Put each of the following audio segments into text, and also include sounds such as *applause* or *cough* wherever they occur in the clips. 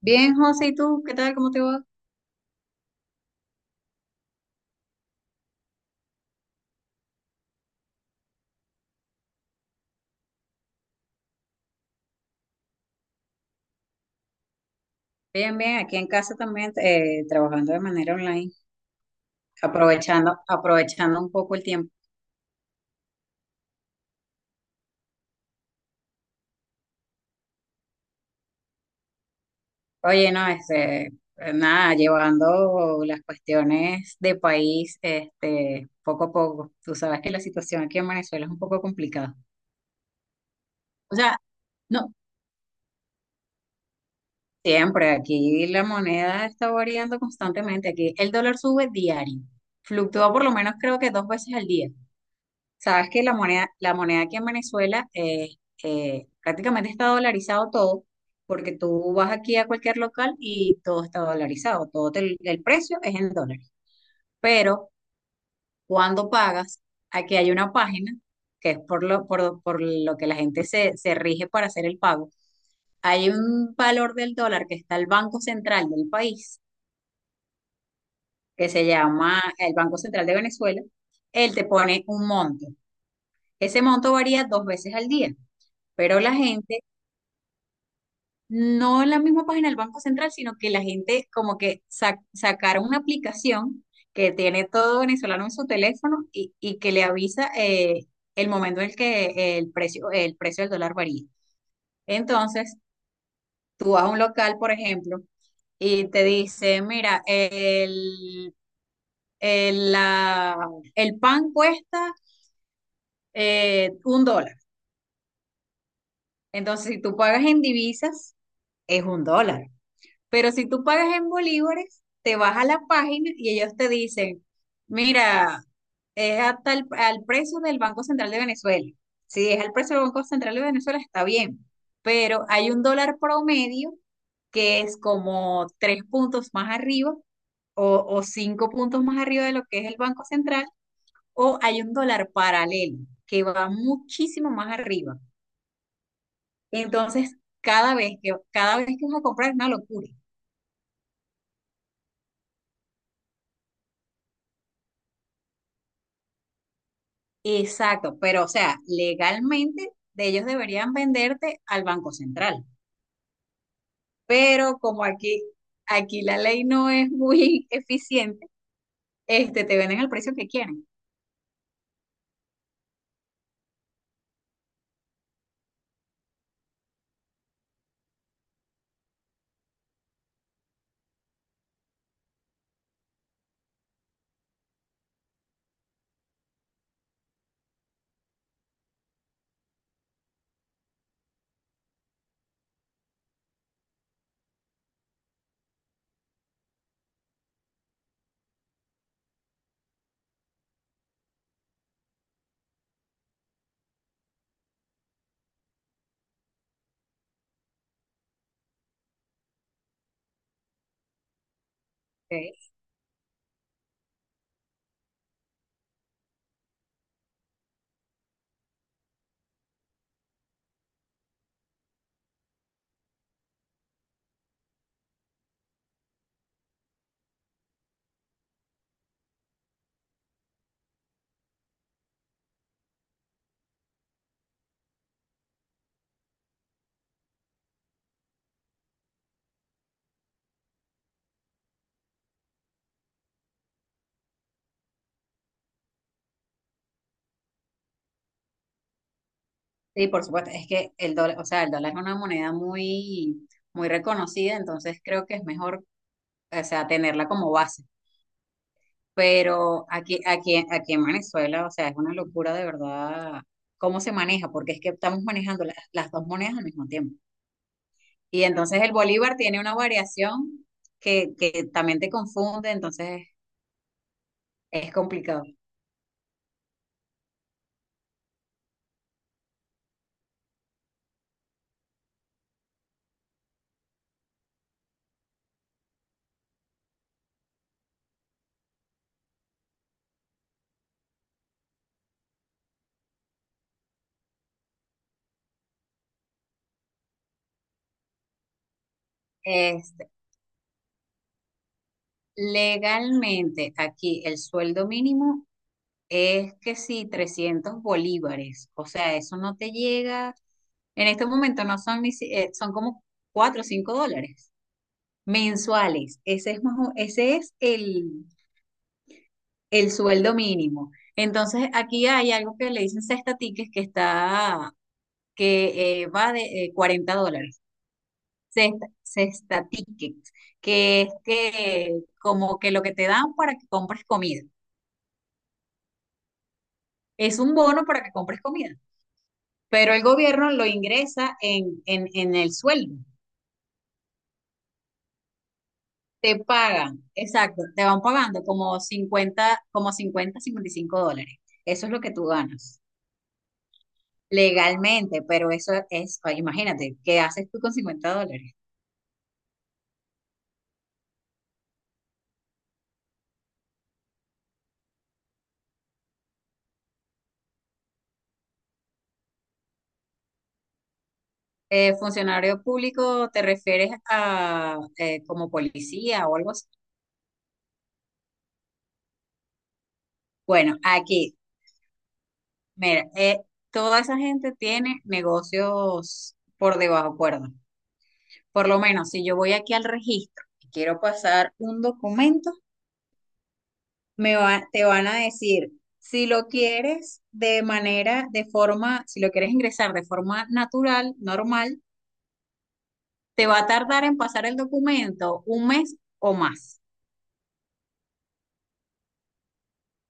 Bien, José, ¿y tú? ¿Qué tal? ¿Cómo te va? Bien, bien, aquí en casa también trabajando de manera online, aprovechando un poco el tiempo. Oye, no, nada, llevando las cuestiones de país, poco a poco. Tú sabes que la situación aquí en Venezuela es un poco complicada. O sea, no, siempre aquí la moneda está variando constantemente. Aquí el dólar sube diario, fluctúa por lo menos creo que dos veces al día. Sabes que la moneda aquí en Venezuela prácticamente está dolarizado todo, porque tú vas aquí a cualquier local y todo está dolarizado, el precio es en dólares. Pero cuando pagas, aquí hay una página que es por lo que la gente se rige para hacer el pago. Hay un valor del dólar que está el Banco Central del país, que se llama el Banco Central de Venezuela. Él te pone un monto. Ese monto varía dos veces al día, pero la gente, no en la misma página del Banco Central, sino que la gente como que sacaron una aplicación que tiene todo venezolano en su teléfono y que le avisa el momento en el que el precio del dólar varía. Entonces, tú vas a un local, por ejemplo, y te dice, mira, el, la- el pan cuesta un dólar. Entonces, si tú pagas en divisas, es un dólar. Pero si tú pagas en bolívares, te vas a la página y ellos te dicen, mira, es hasta al precio del Banco Central de Venezuela. Si es al precio del Banco Central de Venezuela, está bien, pero hay un dólar promedio que es como tres puntos más arriba o cinco puntos más arriba de lo que es el Banco Central, o hay un dólar paralelo que va muchísimo más arriba. Entonces, cada vez que vas a comprar es una locura. Exacto, pero o sea, legalmente de ellos deberían venderte al Banco Central, pero como aquí la ley no es muy *laughs* eficiente, te venden al precio que quieren. ¿Ok? Sí, por supuesto, es que el dólar, o sea, el dólar es una moneda muy, muy reconocida, entonces creo que es mejor, o sea, tenerla como base. Pero aquí en Venezuela, o sea, es una locura de verdad cómo se maneja, porque es que estamos manejando las dos monedas al mismo tiempo. Y entonces el bolívar tiene una variación que también te confunde, entonces es complicado. Este, legalmente aquí el sueldo mínimo es que sí, 300 bolívares, o sea, eso no te llega, en este momento no son ni, si- son como $4 o $5 mensuales, ese es, ese es el sueldo mínimo. Entonces aquí hay algo que le dicen sexta tickets que está, que va de $40. Cesta tickets, que es que como que lo que te dan para que compres comida. Es un bono para que compres comida, pero el gobierno lo ingresa en el sueldo. Te pagan, exacto, te van pagando como cincuenta, $55. Eso es lo que tú ganas legalmente, pero eso es, ay, imagínate, ¿qué haces tú con $50? Funcionario público, ¿te refieres a como policía o algo así? Bueno, aquí Mira, toda esa gente tiene negocios por debajo cuerda. Por lo menos, si yo voy aquí al registro y quiero pasar un documento, te van a decir, si lo quieres de manera, de forma, si lo quieres ingresar de forma natural, normal, te va a tardar en pasar el documento un mes o más.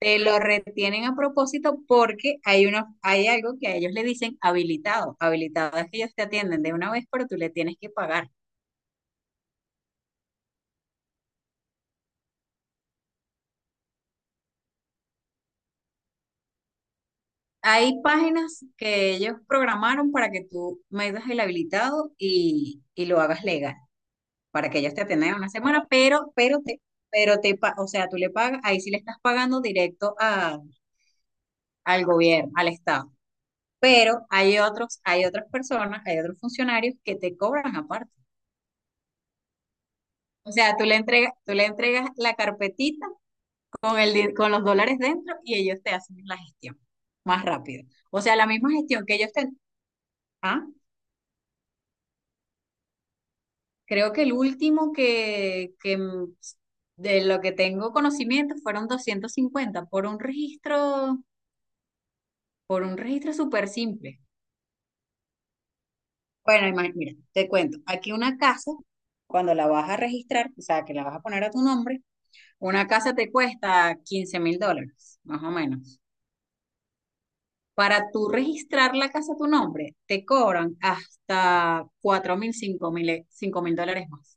Te lo retienen a propósito porque hay algo que a ellos le dicen habilitado. Habilitado es que ellos te atienden de una vez, pero tú le tienes que pagar. Hay páginas que ellos programaron para que tú metas el habilitado y lo hagas legal, para que ellos te atiendan una semana, pero o sea, tú le pagas, ahí sí le estás pagando directo al gobierno, al Estado. Pero hay otros, hay otras personas, hay otros funcionarios que te cobran aparte. O sea, tú le entregas la carpetita con con los dólares dentro y ellos te hacen la gestión más rápido. O sea, la misma gestión que ellos te, ¿ah? Creo que el último que de lo que tengo conocimiento fueron 250 por un registro, súper simple. Bueno, mira, te cuento, aquí una casa, cuando la vas a registrar, o sea, que la vas a poner a tu nombre, una casa te cuesta $15.000, más o menos. Para tú registrar la casa a tu nombre, te cobran hasta 4.000, 5.000, $5.000 más.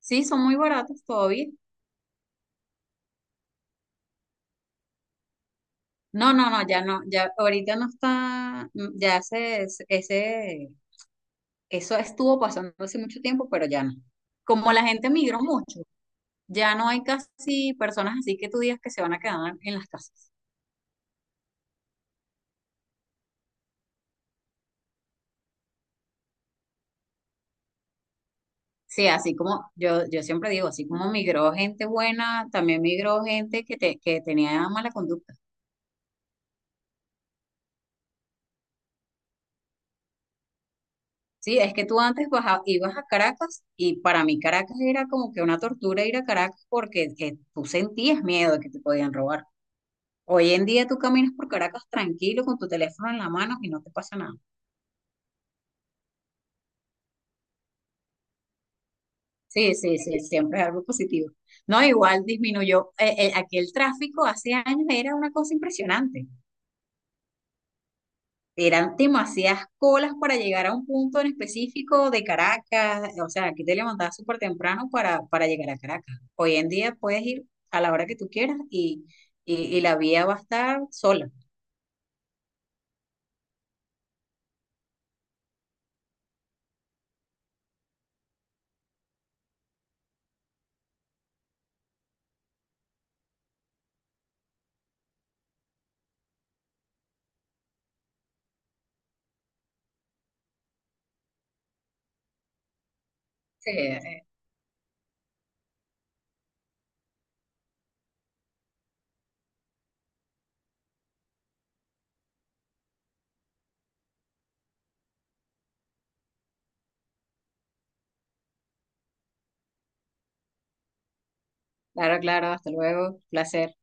Sí, son muy baratos todavía. No, no, no, ya no, ya ahorita no está, eso estuvo pasando hace mucho tiempo, pero ya no. Como la gente migró mucho, ya no hay casi personas así que tú digas que se van a quedar en las casas. Sí, así como yo siempre digo, así como migró gente buena, también migró gente que tenía mala conducta. Sí, es que tú antes ibas a Caracas y para mí Caracas era como que una tortura ir a Caracas porque tú sentías miedo de que te podían robar. Hoy en día tú caminas por Caracas tranquilo con tu teléfono en la mano y no te pasa nada. Sí, sí, sí, siempre es algo positivo. No, igual disminuyó. Aquí el tráfico hace años era una cosa impresionante. Eran demasiadas colas para llegar a un punto en específico de Caracas. O sea, aquí te levantabas súper temprano para llegar a Caracas. Hoy en día puedes ir a la hora que tú quieras y la vía va a estar sola. Sí, claro, claro, hasta luego. Placer.